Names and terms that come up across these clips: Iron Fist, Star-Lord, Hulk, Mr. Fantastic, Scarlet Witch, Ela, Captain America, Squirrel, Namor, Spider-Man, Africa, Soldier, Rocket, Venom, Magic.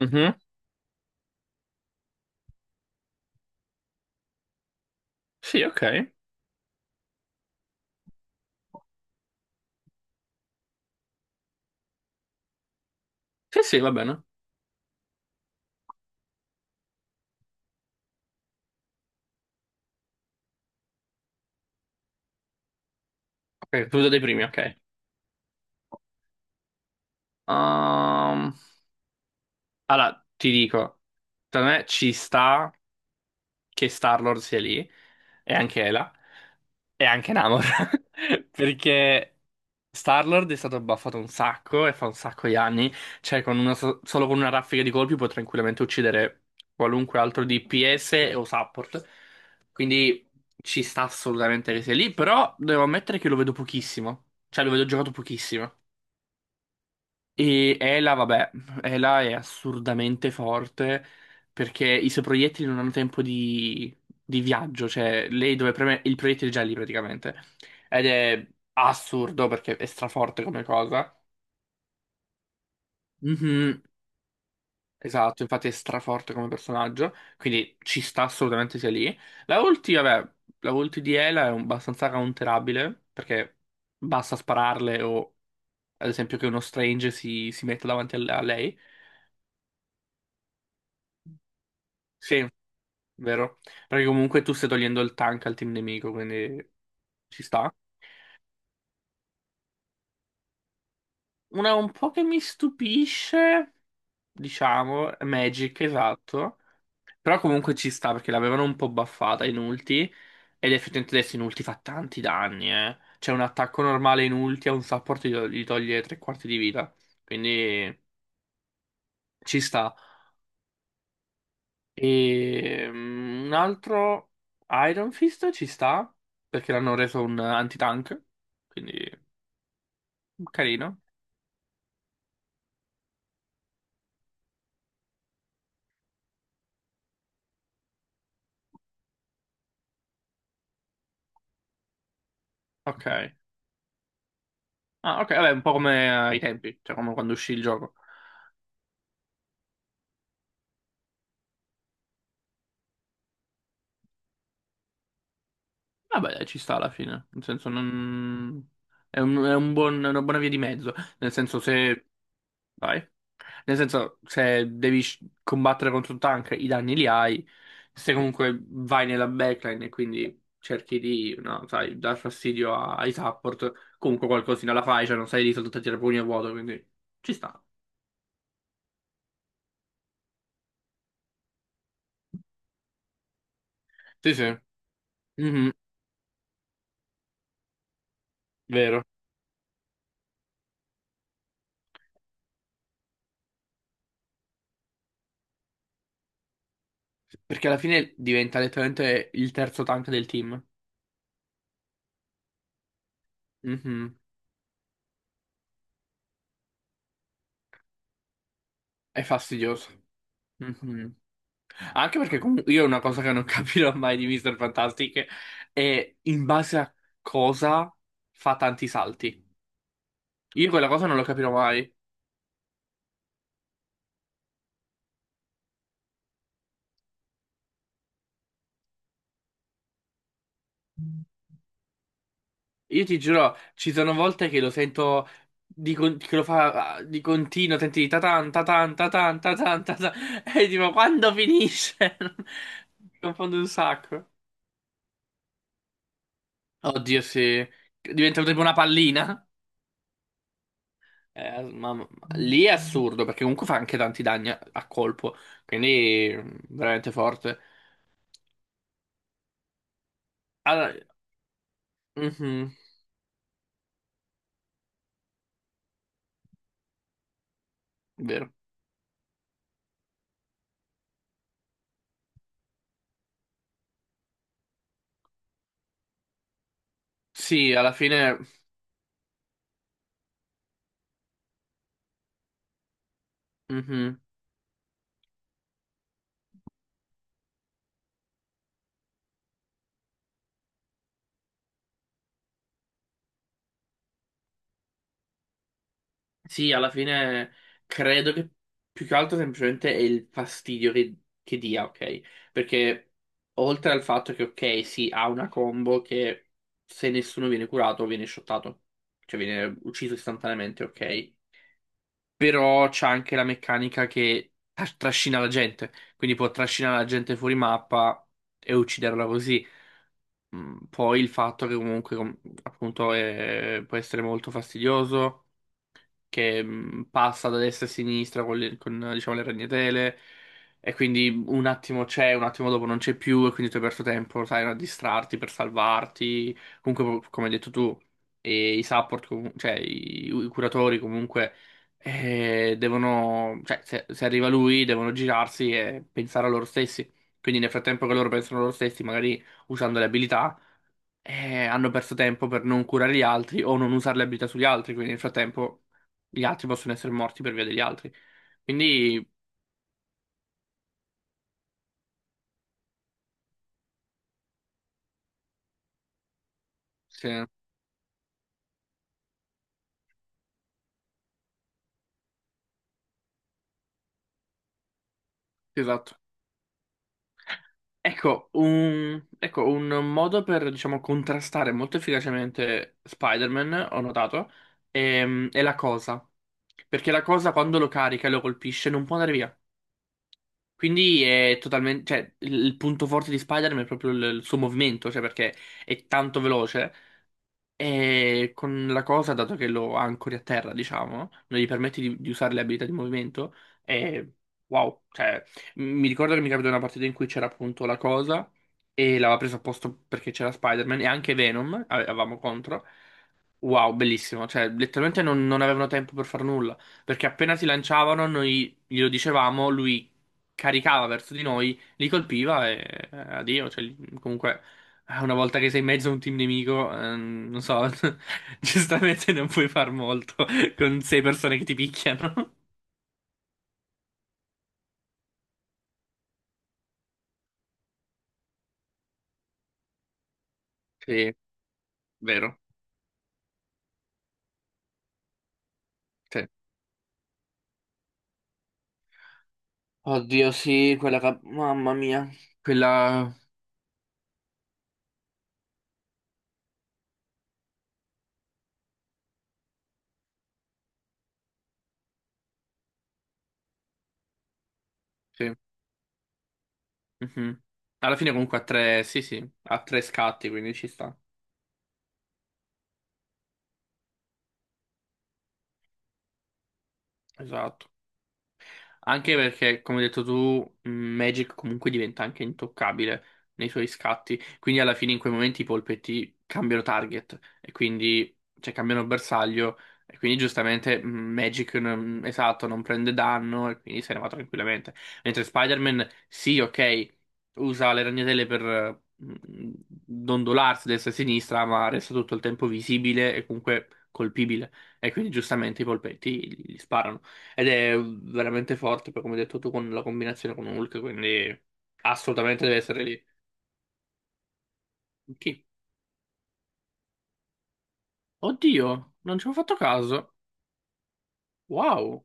Mhm. Sì, ok. Sì, sì, va bene. Ok, tu dei primi, ok. Ehm, allora, ti dico, da me ci sta che Star-Lord sia lì, e anche Ela, e anche Namor, perché Star-Lord è stato buffato un sacco, e fa un sacco di anni, cioè con una solo con una raffica di colpi può tranquillamente uccidere qualunque altro DPS o support, quindi ci sta assolutamente che sia lì, però devo ammettere che lo vedo pochissimo, cioè lo vedo giocato pochissimo. E Ela, vabbè, Ela è assurdamente forte perché i suoi proiettili non hanno tempo di viaggio, cioè lei dove preme il proiettile è già lì praticamente. Ed è assurdo perché è straforte come cosa. Mhm, esatto, infatti è straforte come personaggio, quindi ci sta assolutamente sia lì. La ulti, vabbè, la ulti di Ela è abbastanza counterabile perché basta spararle o ad esempio che uno Strange si metta davanti a lei. Sì, vero? Perché comunque tu stai togliendo il tank al team nemico, quindi ci sta. Una un po' che mi stupisce, diciamo, è Magic, esatto. Però comunque ci sta perché l'avevano un po' buffata in ulti. Ed effettivamente adesso in ulti fa tanti danni, eh. C'è un attacco normale in ulti a un support gli toglie tre quarti di vita. Quindi ci sta. E un altro Iron Fist ci sta perché l'hanno reso un anti-tank. Quindi carino. Ok. Ah, ok, vabbè, un po' come ai tempi, cioè come quando uscì il gioco. Vabbè, dai, ci sta alla fine. Nel senso, non. Una buona via di mezzo. Nel senso, se. Vai. Nel senso, se devi combattere contro un tank, i danni li hai. Se comunque vai nella backline e quindi cerchi di, no, sai, dar fastidio ai support, comunque qualcosina la fai, cioè non sei lì soltanto a tirare pugni a vuoto, quindi ci sta. Sì, sì. Mhm, vero. Perché alla fine diventa letteralmente il terzo tank del team. Mhm. È fastidioso. Mhm. Anche perché comunque io una cosa che non capirò mai di Mr. Fantastic è in base a cosa fa tanti salti. Io quella cosa non lo capirò mai. Io ti giuro, ci sono volte che lo sento che lo fa di continuo, senti di tatan, tatan, tatan, tatan, tatan, e tipo quando finisce? Mi confondo un sacco. Oddio, se diventa tipo una pallina, eh, ma- ma- lì è assurdo perché comunque fa anche tanti danni a colpo, quindi veramente forte. Allora, mhm, vero. Sì, alla fine, mhm. Sì, alla fine credo che più che altro semplicemente è il fastidio che dia, ok? Perché oltre al fatto che, ok, sì, ha una combo che se nessuno viene curato viene shottato, cioè viene ucciso istantaneamente, ok? Però c'ha anche la meccanica che trascina la gente, quindi può trascinare la gente fuori mappa e ucciderla così. Poi il fatto che comunque appunto può essere molto fastidioso che passa da destra a sinistra con, diciamo, le ragnatele e quindi un attimo c'è, un attimo dopo non c'è più e quindi tu hai perso tempo, sai, a distrarti per salvarti. Comunque, come hai detto tu, e i support, cioè i curatori comunque devono, cioè se arriva lui devono girarsi e pensare a loro stessi. Quindi nel frattempo che loro pensano a loro stessi, magari usando le abilità hanno perso tempo per non curare gli altri o non usare le abilità sugli altri, quindi nel frattempo gli altri possono essere morti per via degli altri. Quindi, sì, esatto. Ecco, un, modo per, diciamo, contrastare molto efficacemente Spider-Man, ho notato, è la cosa. Perché la cosa quando lo carica e lo colpisce non può andare via. Quindi è totalmente, cioè, il punto forte di Spider-Man è proprio il suo movimento, cioè perché è tanto veloce. E con la cosa, dato che lo ancori a terra, diciamo, non gli permetti di usare le abilità di movimento, è wow. Cioè, mi ricordo che mi capitò una partita in cui c'era appunto la cosa e l'aveva presa a posto perché c'era Spider-Man e anche Venom avevamo contro. Wow, bellissimo. Cioè, letteralmente non avevano tempo per far nulla. Perché appena si lanciavano, noi glielo dicevamo, lui caricava verso di noi, li colpiva e addio. Cioè, comunque, una volta che sei in mezzo a un team nemico, non so, giustamente non puoi far molto con sei persone che ti picchiano. Sì. Vero. Sì. Oddio, sì, quella Mamma mia. Quella. Sì. Mhm. Alla fine comunque ha tre. Sì, sì, ha tre scatti, quindi ci sta. Esatto. Anche perché, come hai detto tu, Magic comunque diventa anche intoccabile nei suoi scatti. Quindi alla fine in quei momenti i polpetti cambiano target e quindi cioè, cambiano bersaglio. E quindi giustamente Magic esatto, non prende danno e quindi se ne va tranquillamente. Mentre Spider-Man, sì, ok, usa le ragnatele per dondolarsi destra e sinistra, ma resta tutto il tempo visibile e comunque colpibile. E quindi giustamente i polpetti gli sparano. Ed è veramente forte, poi come hai detto tu, con la combinazione con Hulk, quindi assolutamente deve essere lì. Chi? Oddio, non ci ho fatto caso. Wow.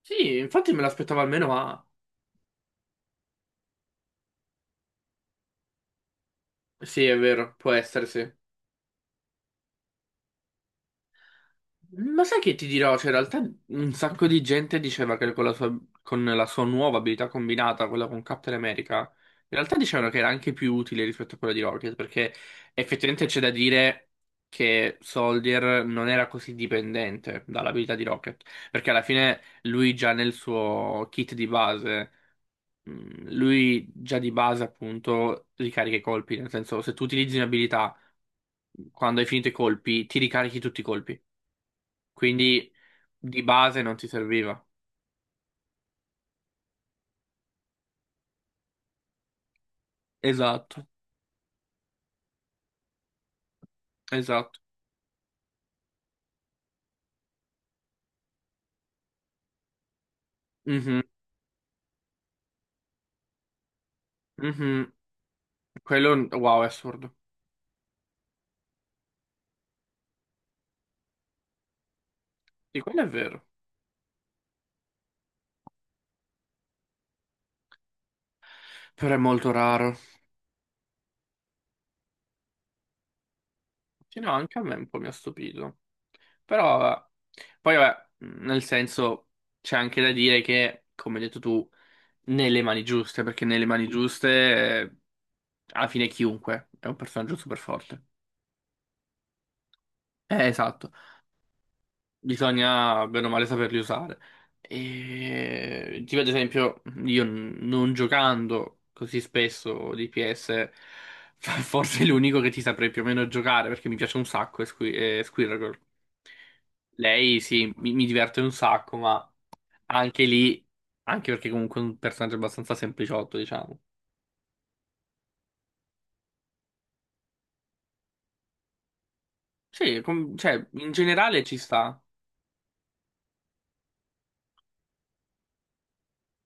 Sì, infatti me l'aspettavo almeno, ma. Sì, è vero, può essere, sì. Ma sai che ti dirò? Cioè, in realtà un sacco di gente diceva che con la sua nuova abilità combinata, quella con Captain America, in realtà dicevano che era anche più utile rispetto a quella di Rocket, perché effettivamente c'è da dire che Soldier non era così dipendente dall'abilità di Rocket, perché alla fine lui già nel suo kit di base, lui già di base appunto ricarica i colpi, nel senso se tu utilizzi un'abilità quando hai finito i colpi, ti ricarichi tutti i colpi. Quindi di base non ti serviva. Esatto, esatto. Mhm, mhm. Quello, wow, è assurdo. Di quello è vero. Però è molto raro. Sì, no, anche a me un po' mi ha stupito. Però, vabbè. Poi, vabbè, nel senso, c'è anche da dire che, come hai detto tu, nelle mani giuste, perché nelle mani giuste, eh, alla fine chiunque è un personaggio super forte. Esatto. Bisogna bene o male saperli usare. E tipo ad esempio, io non giocando così spesso di PS, forse è l'unico che ti saprei più o meno giocare perché mi piace un sacco è è Squirrel. Lei sì, mi diverte un sacco, ma anche lì, anche perché comunque è un personaggio abbastanza sempliciotto, diciamo. Sì, cioè, in generale ci sta.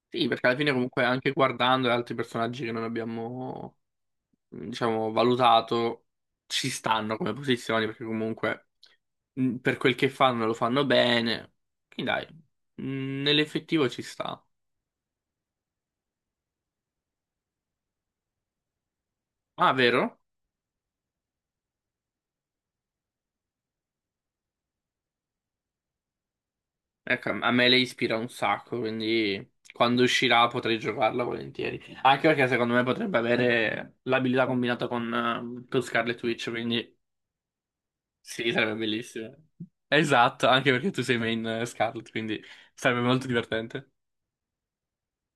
Sì, perché alla fine comunque anche guardando gli altri personaggi che non abbiamo diciamo, valutato, ci stanno come posizioni perché comunque per quel che fanno lo fanno bene. Quindi dai, nell'effettivo ci sta. Ah, vero? Ecco, a me lei ispira un sacco, quindi quando uscirà potrei giocarla volentieri. Anche perché secondo me potrebbe avere l'abilità combinata con Scarlet Witch, quindi sì, sarebbe bellissimo. Esatto, anche perché tu sei main Scarlet, quindi sarebbe molto divertente.